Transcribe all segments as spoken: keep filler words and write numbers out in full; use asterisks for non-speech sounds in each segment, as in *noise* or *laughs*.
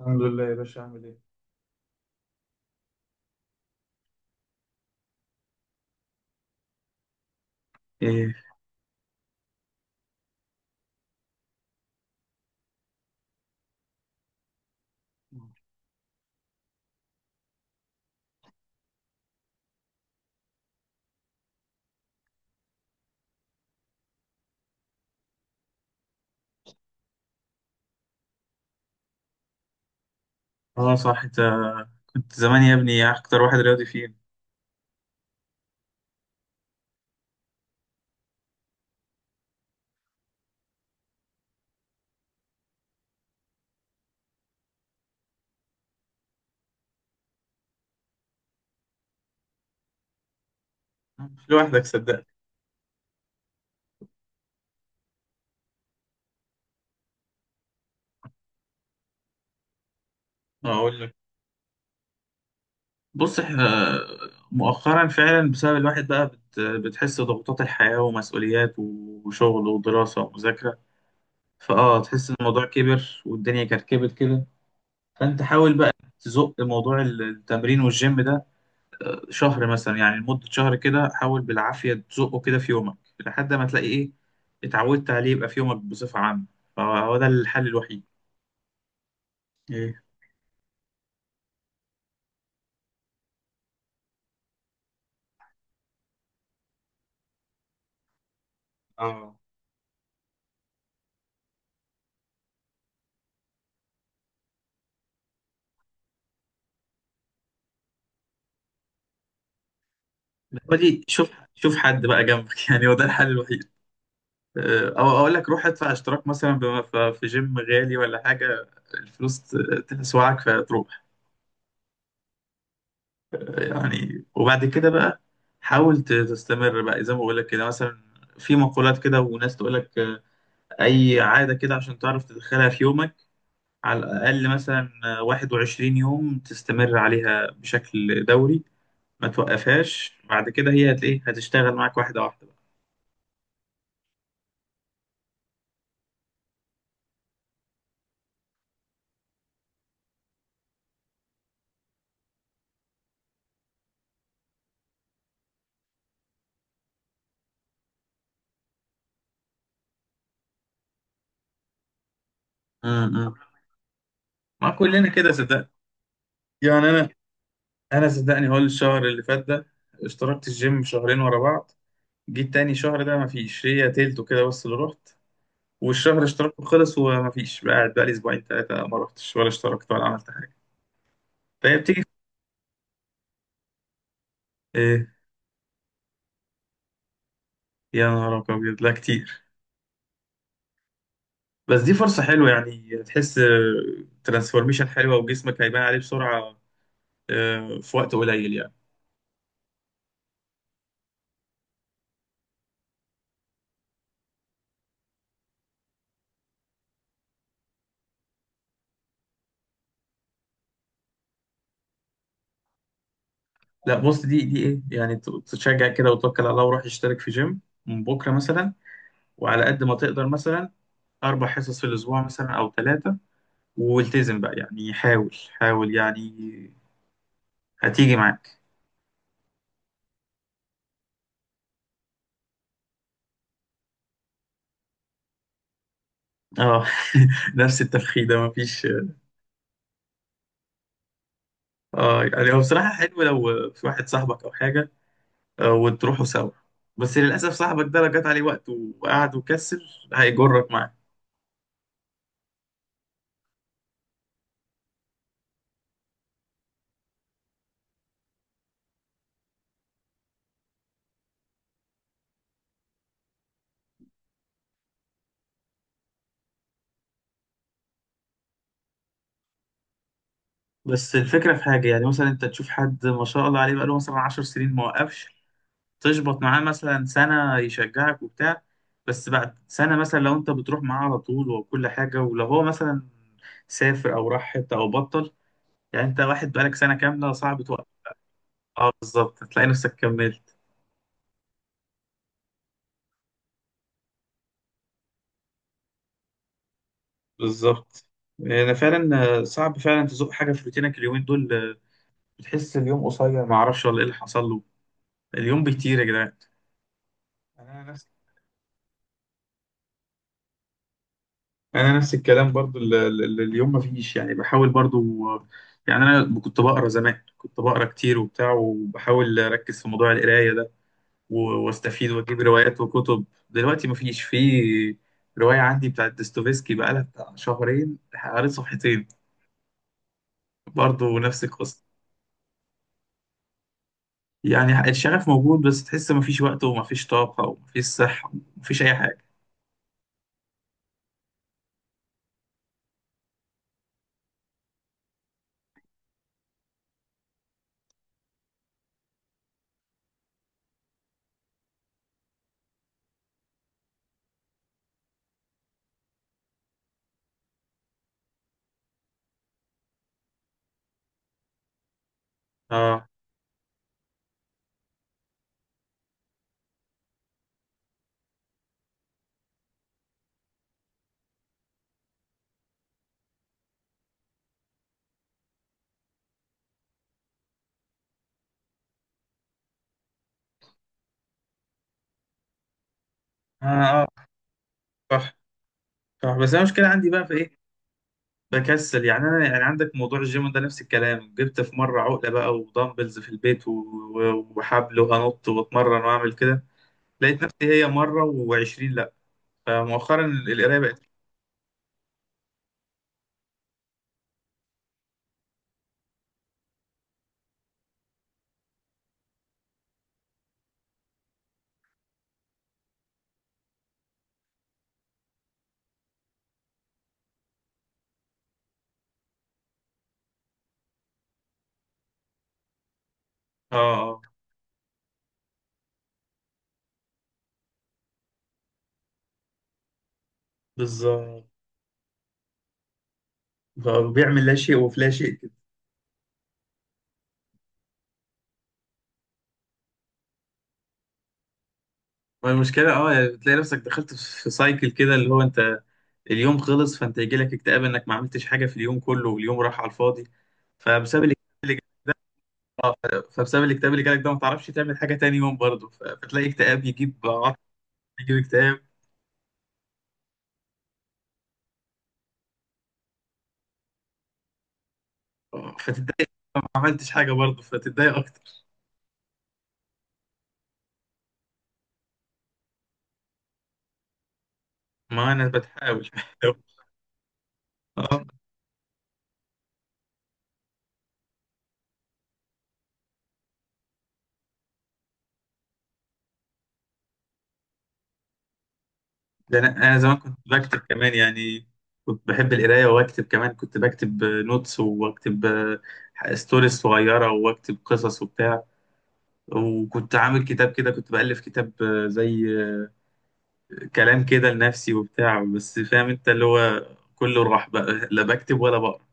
الحمد لله يا باشا، عامل ايه؟ ايه؟ اه، صح، انت كنت زمان يا ابني اكتر واحد رياضي فينا. مش لوحدك، صدقني. اقول لك. بص، احنا مؤخرا فعلا بسبب الواحد بقى بت... بتحس ضغوطات الحياة ومسؤوليات وشغل ودراسة ومذاكرة، فاه تحس ان الموضوع كبر والدنيا كركبت كده. فانت حاول بقى تزق موضوع التمرين والجيم ده شهر مثلا، يعني لمدة شهر كده حاول بالعافية تزقه كده في يومك، لحد ما تلاقي إيه، اتعودت عليه يبقى في يومك بصفة عامة. فهو ده الحل الوحيد. إيه؟ اه. هو دي، شوف شوف حد بقى جنبك *laughs* يعني هو ده الحل الوحيد. آه، أو أقول لك روح ادفع اشتراك مثلا بم- ف- في جيم غالي ولا حاجة، الفلوس ت- تسوعك فتروح. آه، يعني وبعد كده بقى حاول ت- تستمر بقى زي ما بقول لك كده مثلا. في مقولات كده وناس تقول لك أي عادة كده عشان تعرف تدخلها في يومك، على الأقل مثلا واحد وعشرين يوم تستمر عليها بشكل دوري، ما توقفهاش بعد كده، هي هت إيه، هتشتغل معاك واحدة واحدة بقى. م- م. ما كلنا كده، صدقني. يعني أنا أنا صدقني، هو الشهر اللي فات ده اشتركت الجيم شهرين ورا بعض، جيت تاني شهر ده ما فيش، هي تلته كده بس اللي رحت، والشهر اشتراكه خلص وما فيش، بقى قاعد بقى لي أسبوعين تلاتة ما رحتش ولا اشتركت ولا عملت حاجة، فهي بتيجي. إيه؟ يا نهار أبيض! لا كتير. بس دي فرصة حلوة، يعني تحس ترانسفورميشن حلوة وجسمك هيبان عليه بسرعة، آه، في وقت قليل يعني. لا، بص، دي دي ايه يعني، ت- تشجع كده وتوكل على الله، وروح اشترك في جيم من بكرة مثلا. وعلى قد ما تقدر مثلا، أربع حصص في الأسبوع مثلا أو ثلاثة. والتزم بقى، يعني حاول حاول، يعني هتيجي معاك. اه. *laughs* نفس التفخيدة مفيش. اه، يعني هو بصراحة حلو لو في واحد صاحبك أو حاجة، آه، وتروحوا سوا. بس للأسف، صاحبك ده لو جات عليه وقت وقعد وكسر هيجرك معاه. بس الفكرة في حاجة، يعني مثلا أنت تشوف حد ما شاء الله عليه، بقاله مثلا عشر سنين ما وقفش، تشبط معاه مثلا سنة يشجعك وبتاع. بس بعد سنة مثلا، لو أنت بتروح معاه على طول وكل حاجة، ولو هو مثلا سافر أو راح حتة أو بطل، يعني أنت واحد بقالك سنة كاملة صعب توقف. أه بالظبط، هتلاقي نفسك كملت. بالظبط. أنا فعلا، آه، صعب فعلا تزق حاجة في روتينك، اليومين دول بتحس اليوم قصير ما اعرفش ولا ايه اللي حصل له، اليوم بيطير يا جدعان. انا نفس انا نفس الكلام برضو، ال- ال- ال- اليوم ما فيش، يعني بحاول برضو. يعني انا كنت بقرا زمان، كنت بقرا كتير وبتاع وبحاول اركز في موضوع القرايه ده و- واستفيد واجيب روايات وكتب، دلوقتي ما فيش، في روايه عندي بتاعت ديستوفيسكي بقالها بتاع شهرين قريت صفحتين، برضو نفس القصه. يعني الشغف موجود، بس تحس ما فيش وقت وما فيش طاقه وما فيش صحه وما فيش اي حاجه. اه اه، آه، صح، صح. بس انا المشكله عندي بقى في ايه؟ بكسل، يعني انا يعني عندك موضوع الجيم ده نفس الكلام، جبت في مره عقله بقى ودمبلز في البيت و- و- وحبل وانط واتمرن واعمل كده، لقيت نفسي هي مره و20، لا. فمؤخرا القرايه بقت. اه اه بالظبط. بيعمل لا شيء وفي لا شيء كده. ما المشكله اه، يعني بتلاقي نفسك دخلت في سايكل كده، اللي هو انت اليوم خلص، فانت يجيلك اكتئاب انك ما عملتش حاجه في اليوم كله واليوم راح على الفاضي، فبسبب الاكتئاب فبسبب الاكتئاب اللي جالك ده ما تعرفش تعمل حاجه تاني يوم برضه، ف- فتلاقي اكتئاب يجيب عطل، يجيب اكتئاب، فتتضايق ما عملتش حاجه برضه فتتضايق اكتر. ما انا بتحاول *laughs* آه. ده انا انا زمان كنت بكتب كمان، يعني كنت بحب القرايه واكتب كمان، كنت بكتب نوتس واكتب آه، ستوريز صغيره واكتب قصص وبتاع، وكنت عامل كتاب كده، كنت بألف كتاب، آه، زي آه، كلام كده لنفسي وبتاع، بس فاهم انت اللي هو كله راح بقى، لا بكتب ولا بقرا.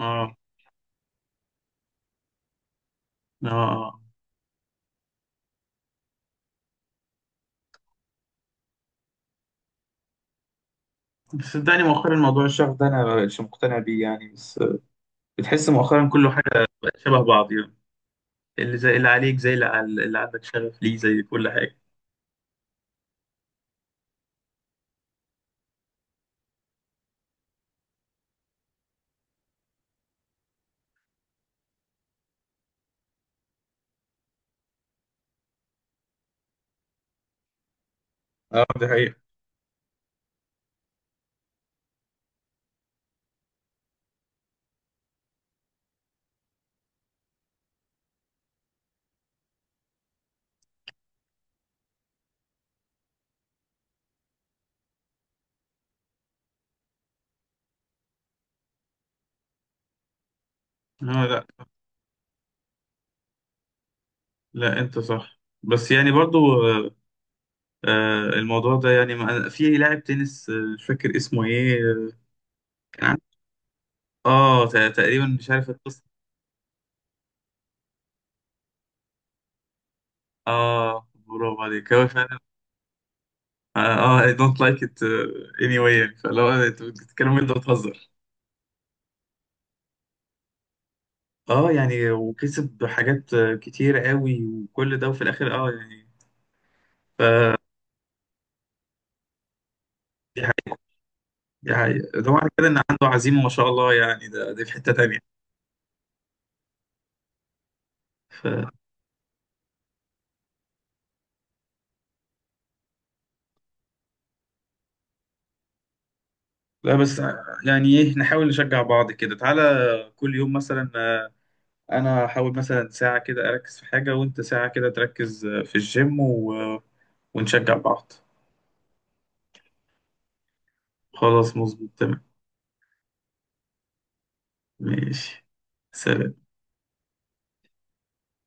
اه، اه، آه. صدقني، مؤخرا موضوع الشغف ده انا مش مقتنع بيه يعني، بس بتحس مؤخرا كله حاجه بقت شبه بعض يعني، اللي زي اللي عليك زي اللي, عل- اللي عندك شغف ليه زي كل حاجه. اه، ده حقيقة. اه، لا، لا انت صح بس يعني برضو، آه، آه، الموضوع ده يعني ما- في لاعب تنس، آه، مش فاكر اسمه ايه آه، كان عن- اه، ت- تقريبا مش عارف القصه. اه، برافو عليك، هو فعلا. اه، اي دونت لايك ات، اني واي، يعني فلو انت بتتكلم انت بتهزر. اه يعني، وكسب حاجات كتير قوي وكل ده، وفي الاخر اه يعني، فدي حقيقة. دي حقيقة، ده معنى كده ان عنده عزيمة ما شاء الله، يعني ده دي في حتة تانية. ف... لا بس، يعني ايه، نحاول نشجع بعض كده، تعالى كل يوم مثلا، آه، انا هحاول مثلا ساعة كده اركز في حاجة، وانت ساعة كده تركز آه، في الجيم و... آه، ونشجع بعض. خلاص، مظبوط، تمام. ماشي. سلام.